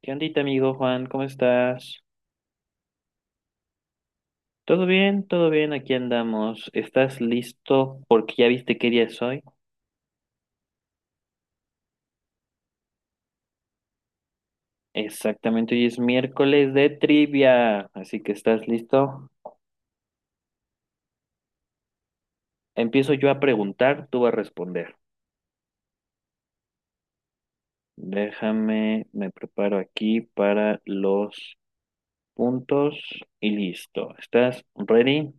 ¿Qué ondita, amigo Juan? ¿Cómo estás? ¿Todo bien? ¿Todo bien? Aquí andamos. ¿Estás listo? Porque ya viste qué día es hoy. Exactamente, hoy es miércoles de trivia. Así que, ¿estás listo? Empiezo yo a preguntar, tú vas a responder. Déjame, me preparo aquí para los puntos y listo. ¿Estás ready?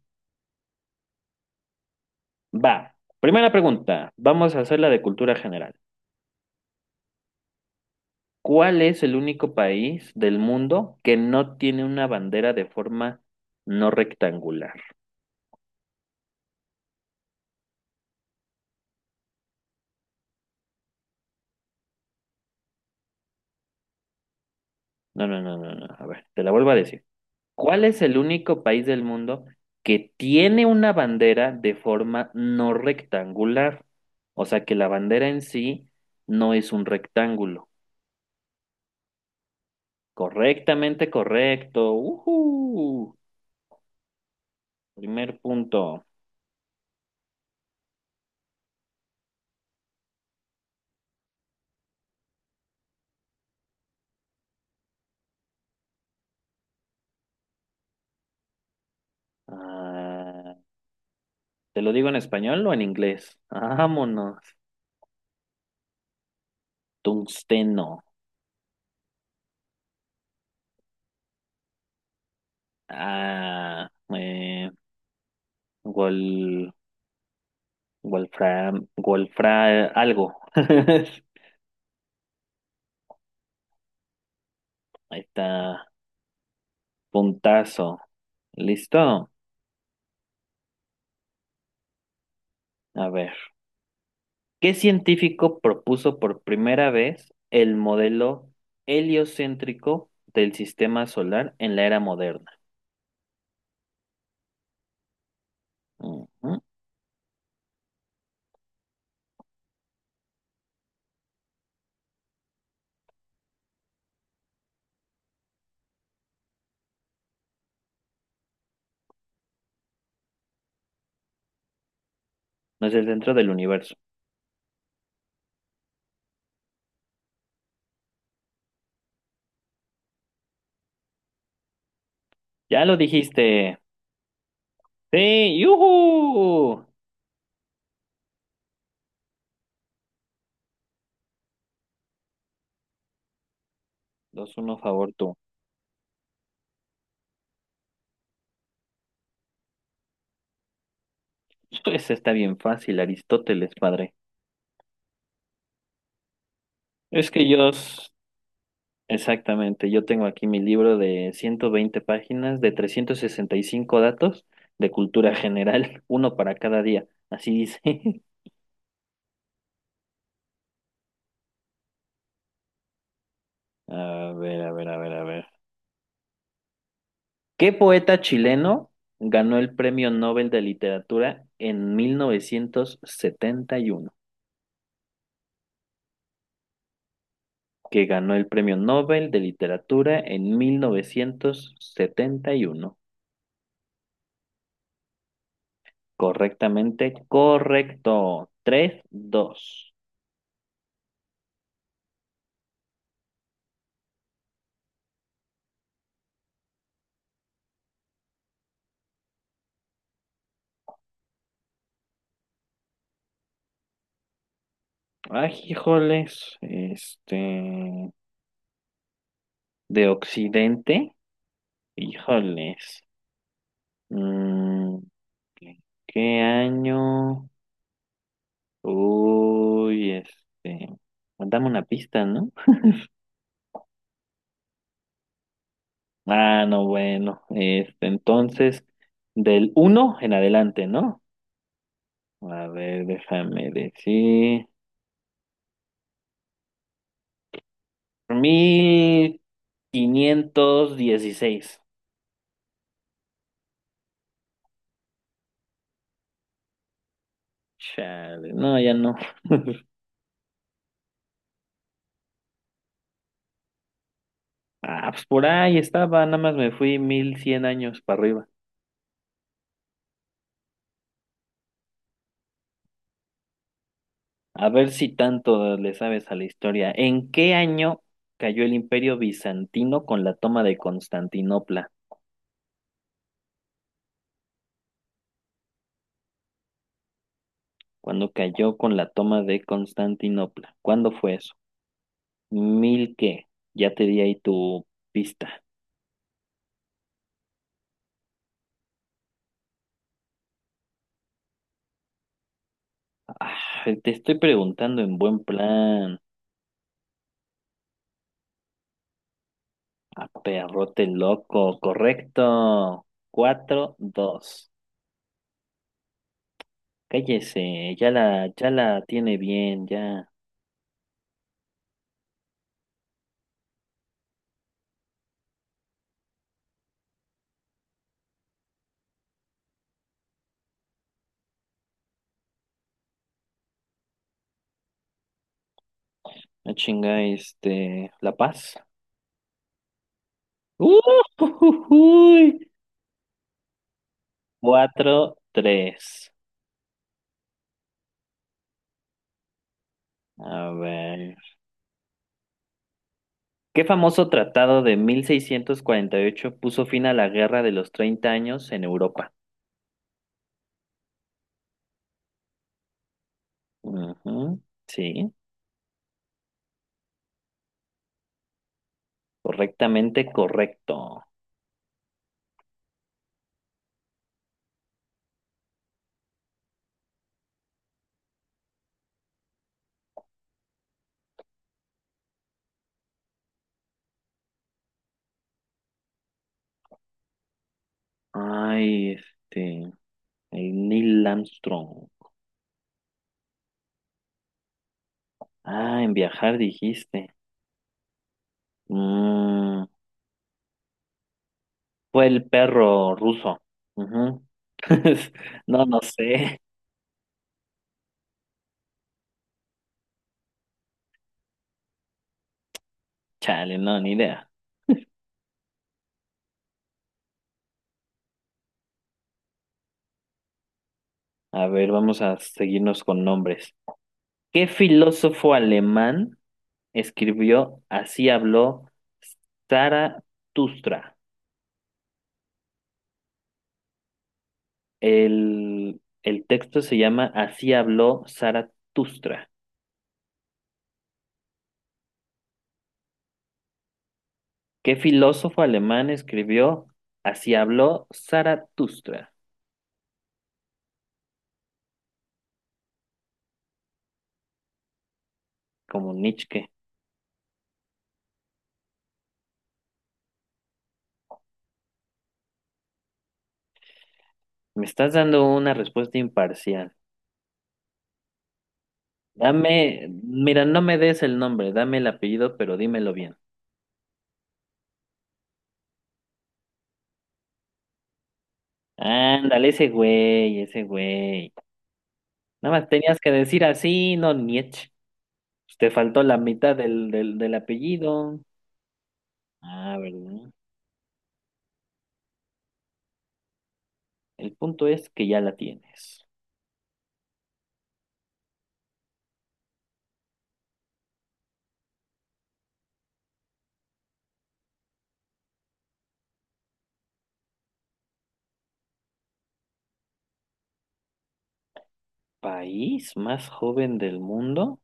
Va. Primera pregunta. Vamos a hacer la de cultura general. ¿Cuál es el único país del mundo que no tiene una bandera de forma no rectangular? No, no, no, no, no. A ver, te la vuelvo a decir. ¿Cuál es el único país del mundo que tiene una bandera de forma no rectangular? O sea, que la bandera en sí no es un rectángulo. Correctamente correcto. Ujú. Primer punto. Ah, ¿te lo digo en español o en inglés? Vámonos. Tungsteno. Ah, eh, Wol, Wolfram, Wolfra, algo. Ahí está, puntazo. ¿Listo? A ver. ¿Qué científico propuso por primera vez el modelo heliocéntrico del sistema solar en la era moderna? Ujú. No es el centro del universo. Ya lo dijiste. Sí, yujú. 2-1 favor tú. Pues está bien fácil, Aristóteles, padre. Es que yo s- Exactamente, yo tengo aquí mi libro de 120 páginas, de 365 datos de cultura general, uno para cada día, así dice. A ver, a ver, a ver, a ver. ¿Qué poeta chileno ganó el Premio Nobel de Literatura en 1971? ¿Que ganó el Premio Nobel de Literatura en 1971? Correctamente, correcto. 3-2. Ay, híjoles, este, de Occidente, híjoles, mm, ¿qué qué año? Uy, este, dame una pista, ¿no? Ah, no, bueno, este, entonces, del uno en adelante, ¿no? A ver, déjame decir, 1516. Chale, no, ya no. Ah, pues por ahí estaba, nada más me fui 1100 años para arriba. A ver si tanto le sabes a la historia. ¿En qué año cayó el Imperio Bizantino con la toma de Constantinopla? ¿Cuándo cayó con la toma de Constantinopla? ¿Cuándo fue eso? ¿Mil qué? Ya te di ahí tu pista. Ah, te estoy preguntando en buen plan. A perrote loco, correcto. 4-2. Cállese, ya la tiene bien, ya. La chinga, este, La Paz. ¡Uh! ¡ujujuy! 4-3. A ver. ¿Qué famoso tratado de 1648 puso fin a la Guerra de los Treinta Años en Europa? Ujú, sí, correctamente correcto. Ay, este, el Neil Armstrong. Ah, en viajar dijiste. Mm, fue el perro ruso. Ujú. No, no sé. Chale, no, ni idea. A ver, vamos a seguirnos con nombres. ¿Qué filósofo alemán escribió Así habló Zaratustra? El texto se llama Así habló Zaratustra. ¿Qué filósofo alemán escribió Así habló Zaratustra? Como Nietzsche. Me estás dando una respuesta imparcial. Dame, mira, no me des el nombre, dame el apellido, pero dímelo bien. Ándale, ese güey, ese güey. Nada más tenías que decir así, no Nietzsche. Pues te faltó la mitad del apellido. Ah, ¿verdad? El punto es que ya la tienes. ¿País más joven del mundo?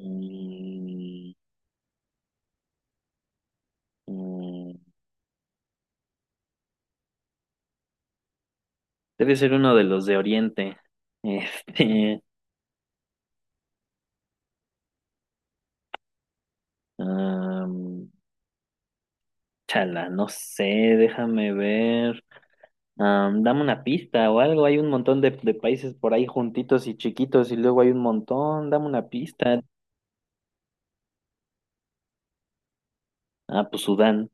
Mm, mm, debe ser uno de los de Oriente. Este, am, chala, no sé, déjame ver. Dame una pista o algo. Hay un montón de países por ahí juntitos y chiquitos y luego hay un montón. Dame una pista. Ah, pues Sudán.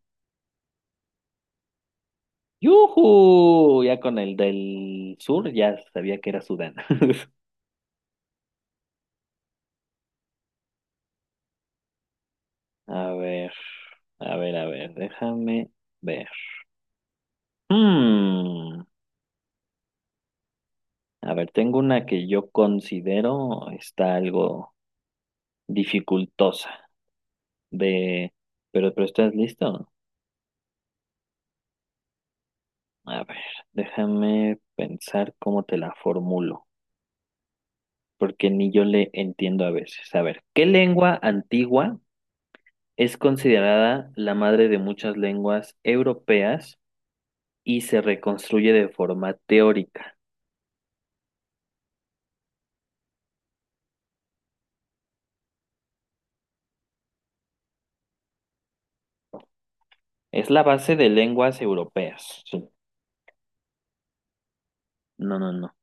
¡Yujú! Ya con el del sur ya sabía que era Sudán. A ver, a ver, a ver, déjame ver. Hmm, A ver, tengo una que yo considero está algo dificultosa de... Pero ¿estás listo? A ver, déjame pensar cómo te la formulo, porque ni yo le entiendo a veces. A ver, ¿qué lengua antigua es considerada la madre de muchas lenguas europeas? Y se reconstruye de forma teórica. Es la base de lenguas europeas. Sí. No, no, no.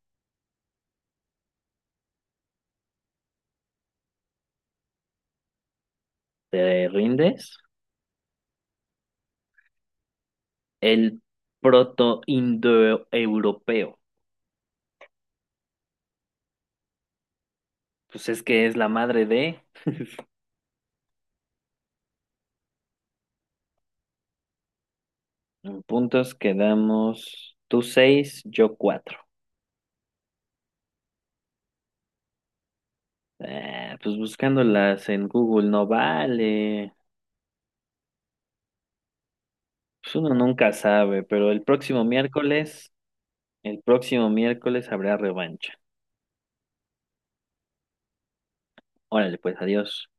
¿Te rindes? El proto-indoeuropeo. Pues es que es la madre de... En puntos quedamos tú seis, yo cuatro. Ah, pues buscándolas en Google no vale. Pues uno nunca sabe, pero el próximo miércoles habrá revancha. Órale, pues adiós.